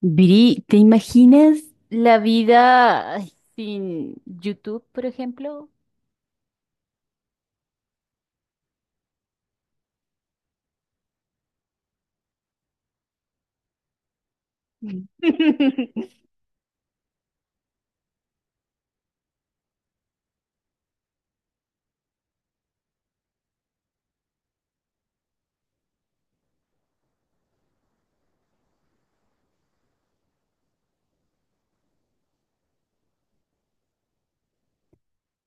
Viri, ¿te imaginas la vida sin YouTube, por ejemplo? Mm.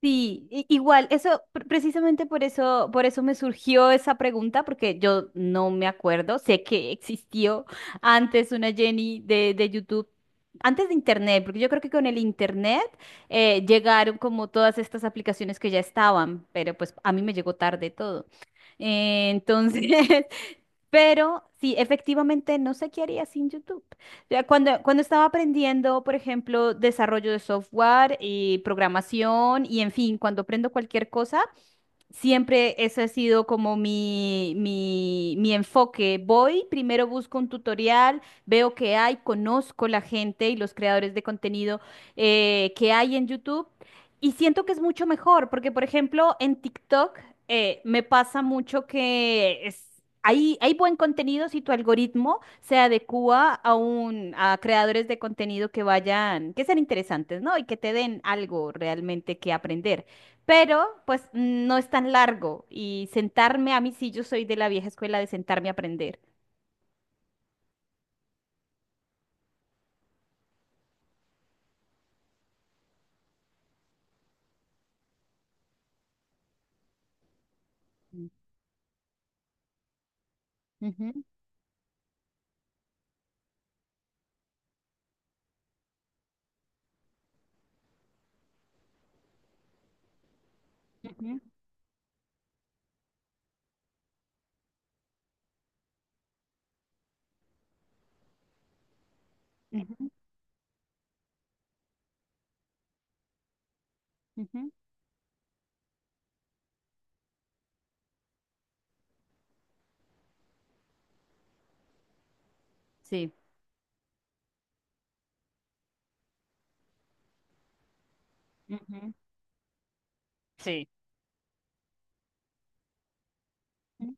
Sí, igual, eso, precisamente por eso me surgió esa pregunta, porque yo no me acuerdo, sé que existió antes una Jenny de, YouTube, antes de Internet, porque yo creo que con el Internet llegaron como todas estas aplicaciones que ya estaban, pero pues a mí me llegó tarde todo. Eh, Entonces, Pero sí, efectivamente, no sé qué haría sin YouTube. Ya cuando estaba aprendiendo, por ejemplo, desarrollo de software y programación y, en fin, cuando aprendo cualquier cosa, siempre ese ha sido como mi enfoque. Voy, primero busco un tutorial, veo qué hay, conozco la gente y los creadores de contenido que hay en YouTube y siento que es mucho mejor porque, por ejemplo, en TikTok me pasa mucho hay, buen contenido si tu algoritmo se adecua a, a creadores de contenido que vayan, que sean interesantes, ¿no? Y que te den algo realmente que aprender, pero pues no es tan largo, y sentarme a mí sí, yo soy de la vieja escuela de sentarme a aprender. Mm. Ujú, ujú, ujú, ujú, sí. Ujú. Sí. Ujú.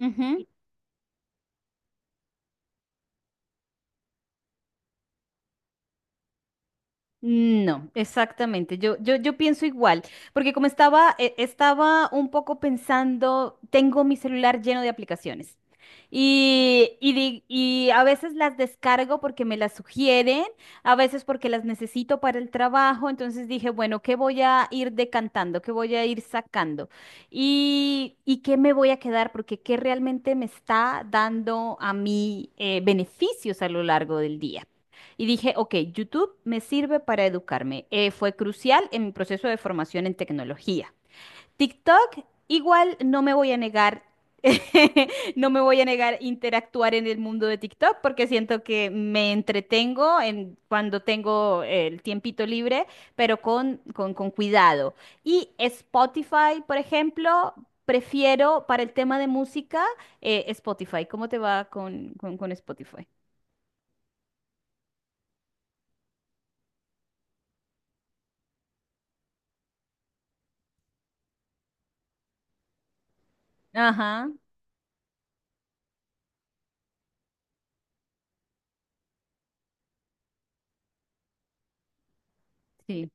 Ujú. No, exactamente. Yo pienso igual, porque como estaba, estaba un poco pensando, tengo mi celular lleno de aplicaciones y a veces las descargo porque me las sugieren, a veces porque las necesito para el trabajo. Entonces dije, bueno, ¿qué voy a ir decantando? ¿Qué voy a ir sacando? ¿Y qué me voy a quedar? Porque ¿qué realmente me está dando a mí beneficios a lo largo del día? Y dije, ok, YouTube me sirve para educarme. Fue crucial en mi proceso de formación en tecnología. TikTok, igual no me voy a negar, no me voy a negar interactuar en el mundo de TikTok porque siento que me entretengo en, cuando tengo el tiempito libre, pero con cuidado. Y Spotify, por ejemplo, prefiero para el tema de música, Spotify. ¿Cómo te va con Spotify? Ajá, sí.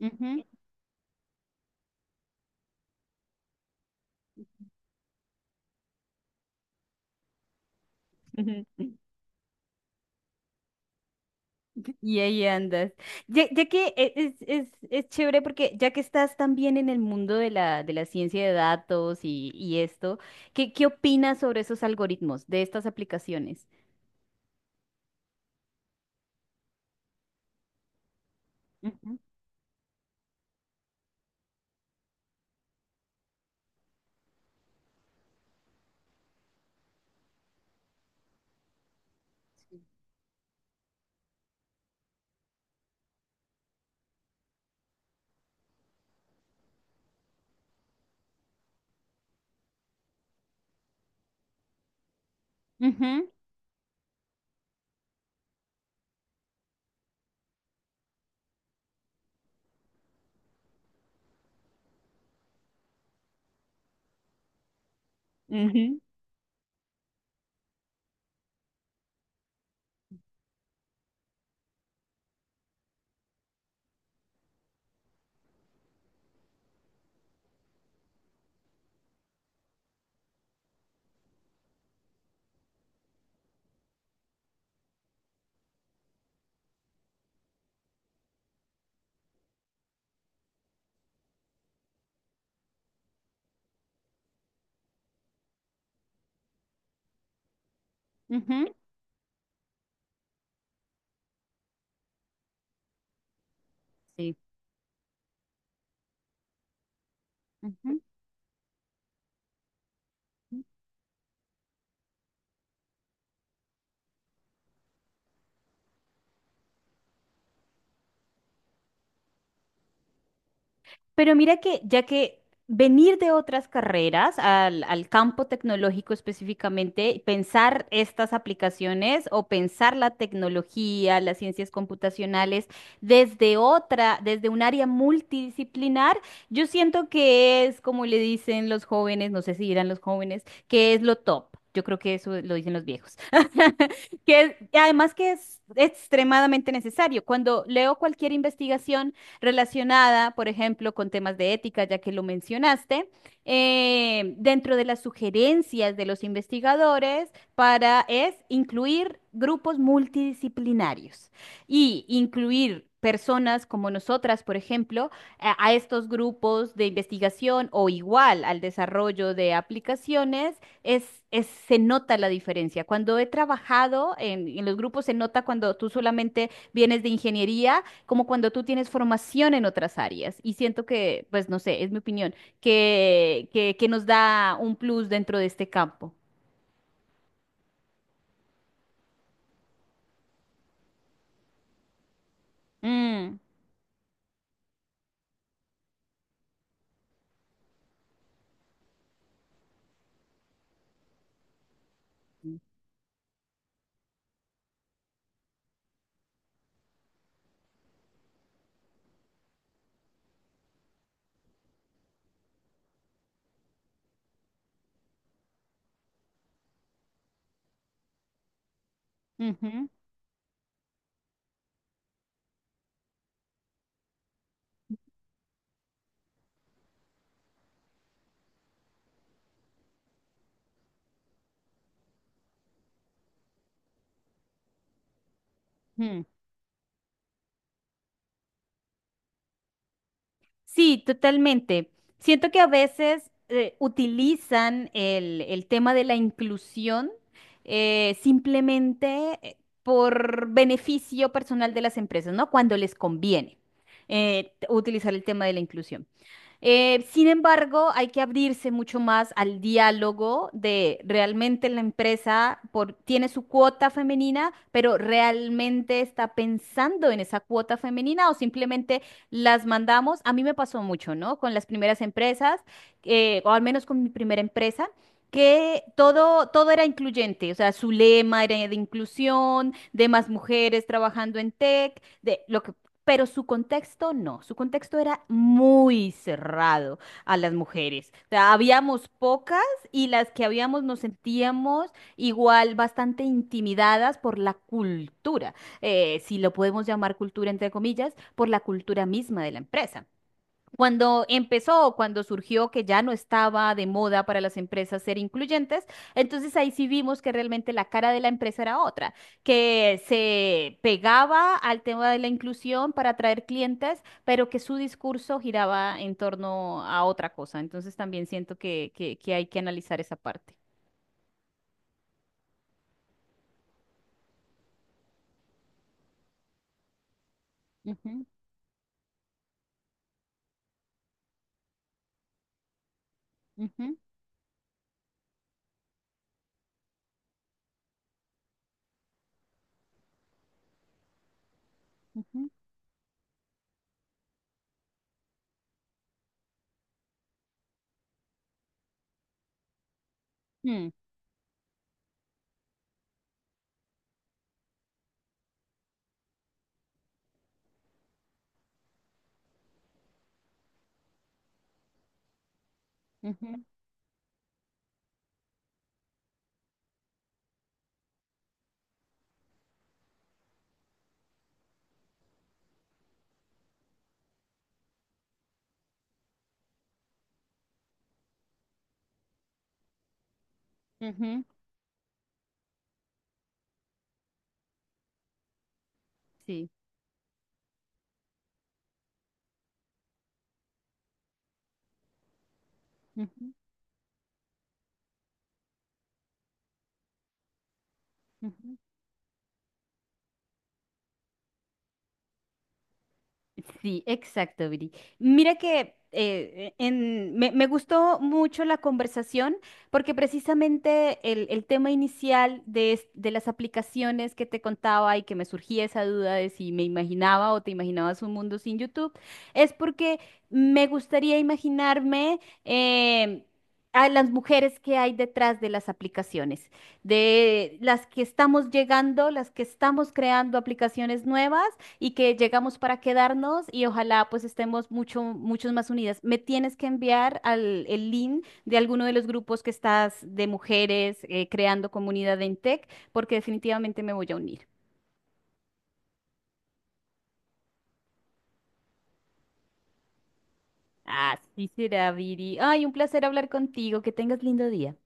Ujú. Ujú. Y ahí andas. Ya que es chévere, porque ya que estás también en el mundo de de la ciencia de datos y esto, qué opinas sobre esos algoritmos de estas aplicaciones? Ujú, ujú, ujú, ujú, sí. Ujú. Pero mira, que ya que venir de otras carreras al, al campo tecnológico específicamente, pensar estas aplicaciones o pensar la tecnología, las ciencias computacionales desde otra, desde un área multidisciplinar, yo siento que es como le dicen los jóvenes, no sé si dirán los jóvenes, que es lo top. Yo creo que eso lo dicen los viejos. Y además que es extremadamente necesario. Cuando leo cualquier investigación relacionada, por ejemplo, con temas de ética, ya que lo mencionaste, dentro de las sugerencias de los investigadores para es incluir grupos multidisciplinarios y incluir personas como nosotras, por ejemplo, a estos grupos de investigación o igual al desarrollo de aplicaciones, se nota la diferencia. Cuando he trabajado en los grupos, se nota cuando tú solamente vienes de ingeniería como cuando tú tienes formación en otras áreas. Y siento que, pues no sé, es mi opinión, que nos da un plus dentro de este campo. Mm. Ujú, ujú. Sí, totalmente. Siento que a veces utilizan el tema de la inclusión simplemente por beneficio personal de las empresas, ¿no? Cuando les conviene utilizar el tema de la inclusión. Sin embargo, hay que abrirse mucho más al diálogo de realmente la empresa tiene su cuota femenina, pero realmente está pensando en esa cuota femenina o simplemente las mandamos. A mí me pasó mucho, ¿no? Con las primeras empresas, o al menos con mi primera empresa, que todo era incluyente, o sea, su lema era de inclusión, de más mujeres trabajando en tech, de lo que, pero su contexto no, su contexto era muy cerrado a las mujeres. O sea, habíamos pocas y las que habíamos nos sentíamos igual bastante intimidadas por la cultura, si lo podemos llamar cultura entre comillas, por la cultura misma de la empresa. Cuando empezó, o cuando surgió que ya no estaba de moda para las empresas ser incluyentes, entonces ahí sí vimos que realmente la cara de la empresa era otra, que se pegaba al tema de la inclusión para atraer clientes, pero que su discurso giraba en torno a otra cosa. Entonces también siento que hay que analizar esa parte. Ujú, ujú, ujú, mm, ujú, ujú, sí. Ujú, ujú. Sí, exacto, Viri. Mira que me gustó mucho la conversación, porque precisamente el tema inicial de las aplicaciones que te contaba y que me surgía esa duda de si me imaginaba o te imaginabas un mundo sin YouTube, es porque me gustaría imaginarme em, a las mujeres que hay detrás de las aplicaciones, de las que estamos llegando, las que estamos creando aplicaciones nuevas y que llegamos para quedarnos, y ojalá pues estemos mucho, muchos más unidas. Me tienes que enviar al, el link de alguno de los grupos que estás de mujeres creando comunidad en Tech, porque definitivamente me voy a unir. Así será, Viri. Ay, un placer hablar contigo. Que tengas lindo día.